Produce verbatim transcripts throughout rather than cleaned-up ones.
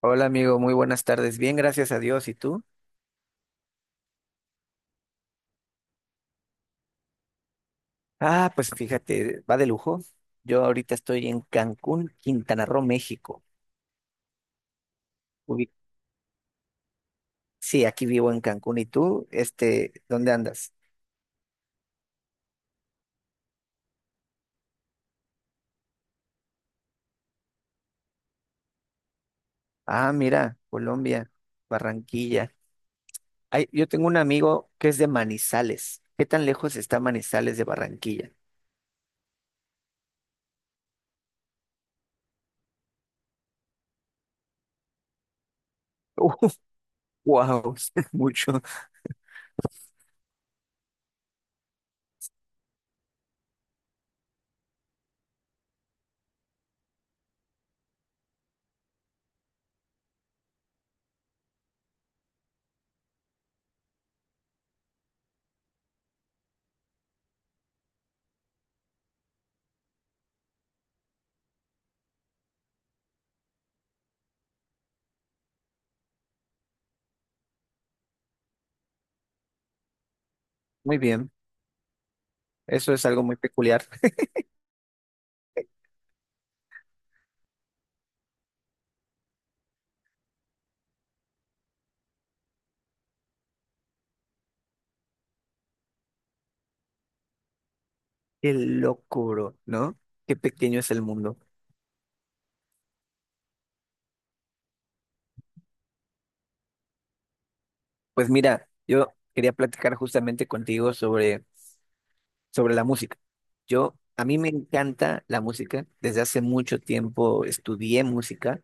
Hola amigo, muy buenas tardes. Bien, gracias a Dios. ¿Y tú? Ah, pues fíjate, va de lujo. Yo ahorita estoy en Cancún, Quintana Roo, México. Ubi- Sí, aquí vivo en Cancún. ¿Y tú? Este, ¿dónde andas? Ah, mira, Colombia, Barranquilla. Ay, yo tengo un amigo que es de Manizales. ¿Qué tan lejos está Manizales de Barranquilla? Wow, mucho. Muy bien. Eso es algo muy peculiar. Qué locuro, ¿no? Qué pequeño es el mundo. Pues mira, yo quería platicar justamente contigo sobre, sobre la música. Yo, a mí me encanta la música. Desde hace mucho tiempo estudié música.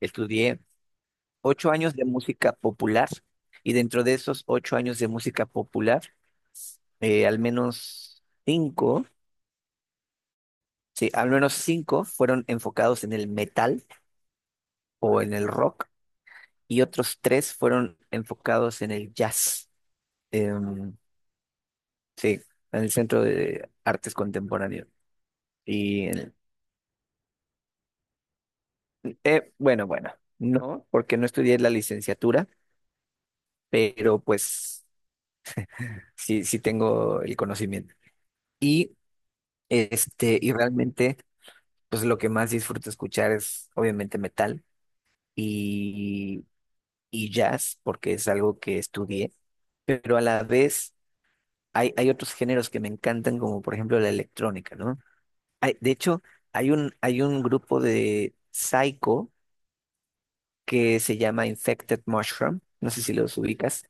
Estudié ocho años de música popular y dentro de esos ocho años de música popular, eh, al menos cinco, sí, al menos cinco fueron enfocados en el metal o en el rock y otros tres fueron enfocados en el jazz. Em, sí, en el Centro de Artes Contemporáneas. Y eh, bueno, bueno, no, porque no estudié la licenciatura, pero pues sí, sí tengo el conocimiento. Y este, y realmente, pues lo que más disfruto escuchar es obviamente metal y, y jazz, porque es algo que estudié, pero a la vez hay, hay otros géneros que me encantan, como por ejemplo la electrónica, ¿no? Hay, de hecho, hay un, hay un grupo de psycho que se llama Infected Mushroom, no sé si los ubicas.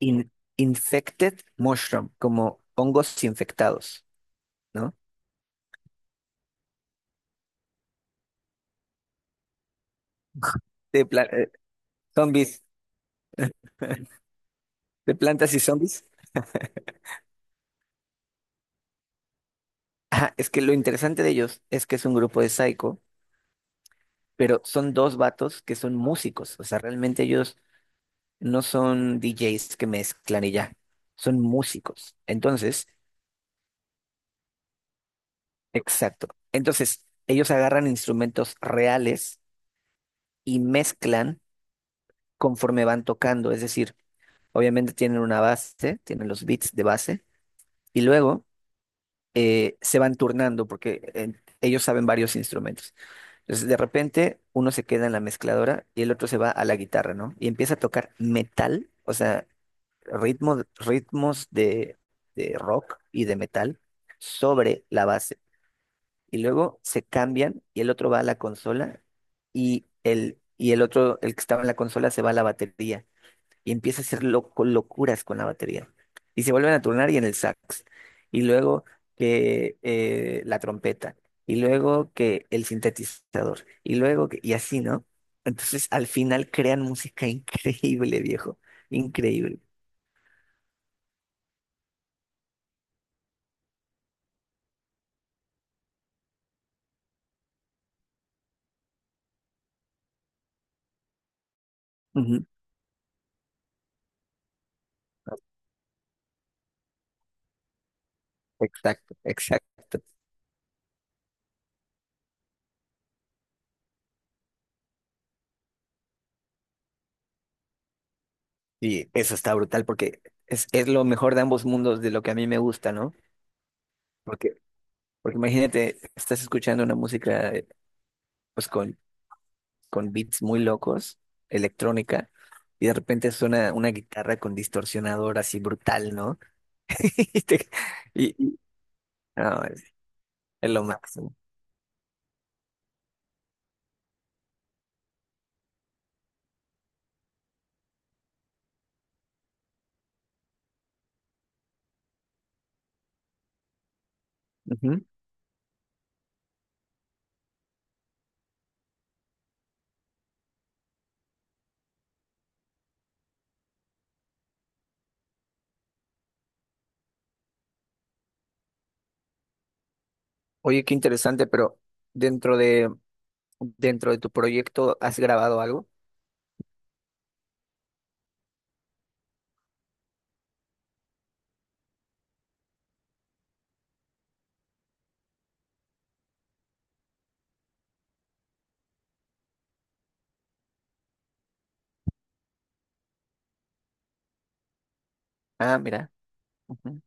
In- infected mushroom, como hongos infectados, ¿no? De pla- eh, Zombies, de plantas y zombies. Ajá, es que lo interesante de ellos es que es un grupo de psycho, pero son dos vatos que son músicos, o sea, realmente ellos no son D Js que mezclan y ya, son músicos. Entonces, exacto. Entonces, ellos agarran instrumentos reales y mezclan conforme van tocando, es decir, obviamente tienen una base, tienen los beats de base. Y luego eh, se van turnando porque eh, ellos saben varios instrumentos. Entonces, de repente, uno se queda en la mezcladora y el otro se va a la guitarra, ¿no? Y empieza a tocar metal, o sea, ritmo, ritmos de, de rock y de metal sobre la base. Y luego se cambian y el otro va a la consola y el, y el otro, el que estaba en la consola, se va a la batería y empieza a hacer loco- locuras con la batería. Y se vuelven a turnar y en el sax. Y luego que eh, la trompeta. Y luego que el sintetizador. Y luego que, y así, ¿no? Entonces al final crean música increíble, viejo. Increíble. Ujú. Exacto, exacto. Y eso está brutal porque es, es lo mejor de ambos mundos de lo que a mí me gusta, ¿no? Porque, porque imagínate, estás escuchando una música eh, pues con con beats muy locos, electrónica, y de repente suena una guitarra con distorsionador así brutal, ¿no? Y, te- y- y- no, es, es lo máximo. Ujú. Oye, qué interesante, pero dentro de, dentro de tu proyecto, ¿has grabado algo? Ah, mira. Ujú.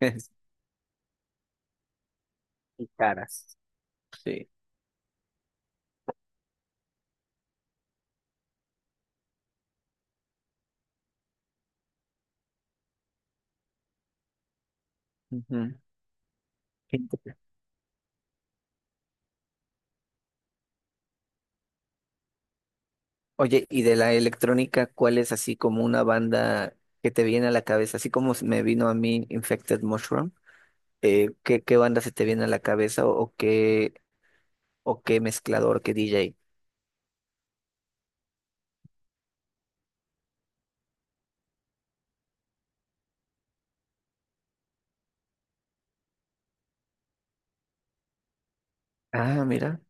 Y caras. Sí. Ujú. Qué interesante. Oye, y de la electrónica, ¿cuál es así como una banda que te viene a la cabeza? Así como me vino a mí Infected Mushroom. Eh, ¿qué, Qué banda se te viene a la cabeza o, o qué, o qué mezclador, qué D J? Ah, mira,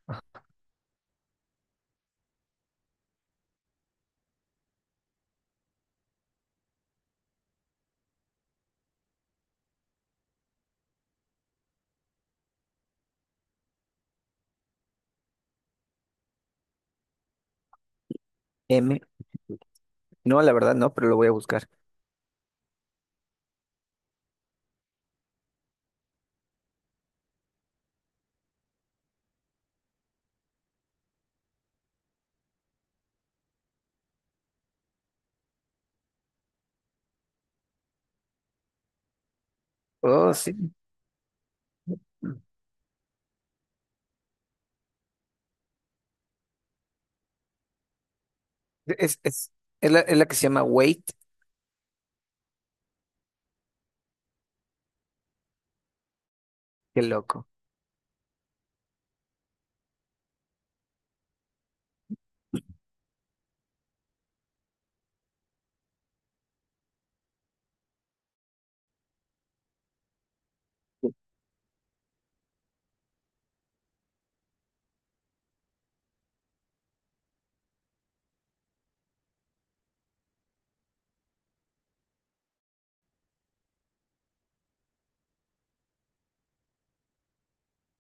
M. No, la verdad no, pero lo voy a buscar. Oh, sí. Es, es, es la, es la que se llama Wait, qué loco.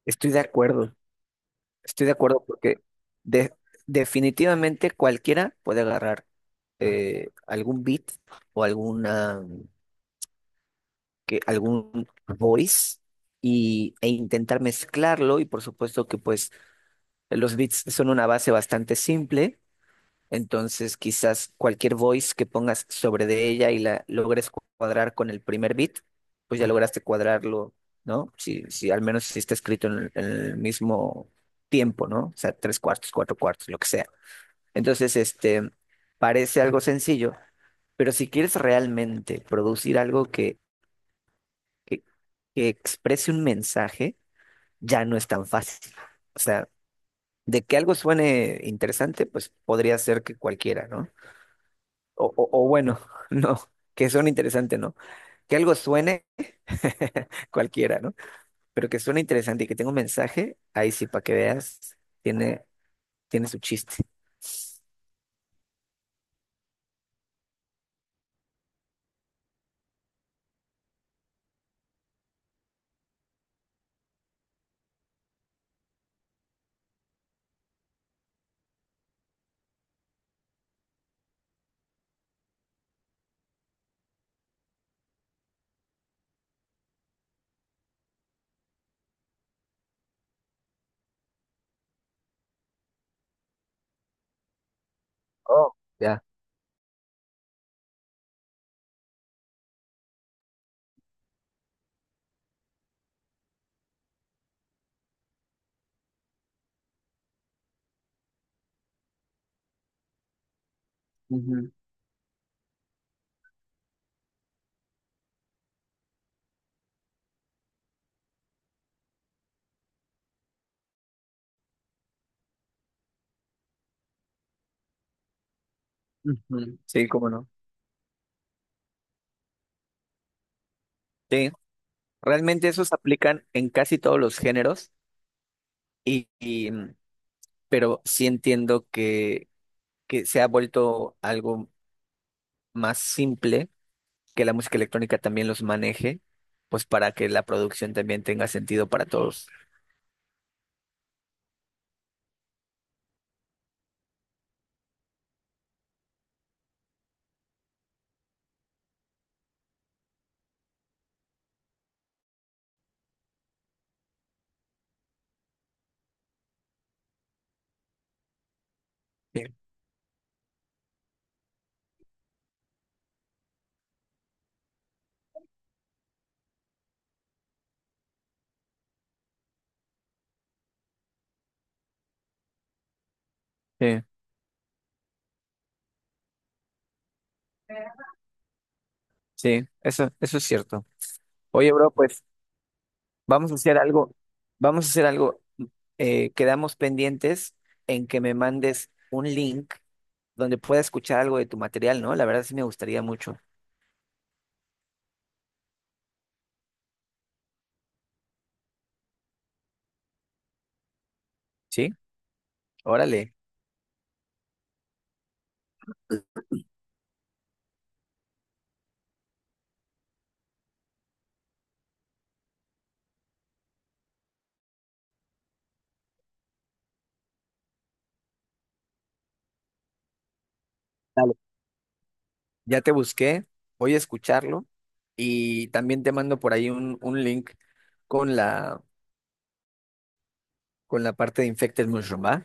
Estoy de acuerdo, estoy de acuerdo porque de- definitivamente cualquiera puede agarrar eh, algún beat o alguna, que, algún voice y, e intentar mezclarlo y por supuesto que pues los beats son una base bastante simple, entonces quizás cualquier voice que pongas sobre de ella y la logres cuadrar con el primer beat, pues ya lograste cuadrarlo, ¿no? Si, si al menos si está escrito en, en el mismo tiempo, ¿no? O sea, tres cuartos, cuatro cuartos, lo que sea. Entonces, este, parece algo sencillo, pero si quieres realmente producir algo que, que, que exprese un mensaje, ya no es tan fácil. O sea, de que algo suene interesante, pues podría ser que cualquiera, ¿no? O, o, o bueno, no, que suene interesante, ¿no? Que algo suene cualquiera, ¿no? Pero que suene interesante y que tenga un mensaje, ahí sí, para que veas, tiene, tiene su chiste. Oh, ya. Ujú, ujú. Sí, cómo no. Sí, realmente esos aplican en casi todos los géneros, y, y, mm, pero sí entiendo que, que se ha vuelto algo más simple, que la música electrónica también los maneje, pues para que la producción también tenga sentido para todos. Sí, sí, sí, eso, eso es cierto. Oye, bro, pues vamos a hacer algo, vamos a hacer algo. Eh, quedamos pendientes en que me mandes un link donde pueda escuchar algo de tu material, ¿no? La verdad sí me gustaría mucho. ¿Sí? Órale. Dale. Ya te busqué, voy a escucharlo y también te mando por ahí un, un link con la, con la parte de Infected Mushroom, ¿va?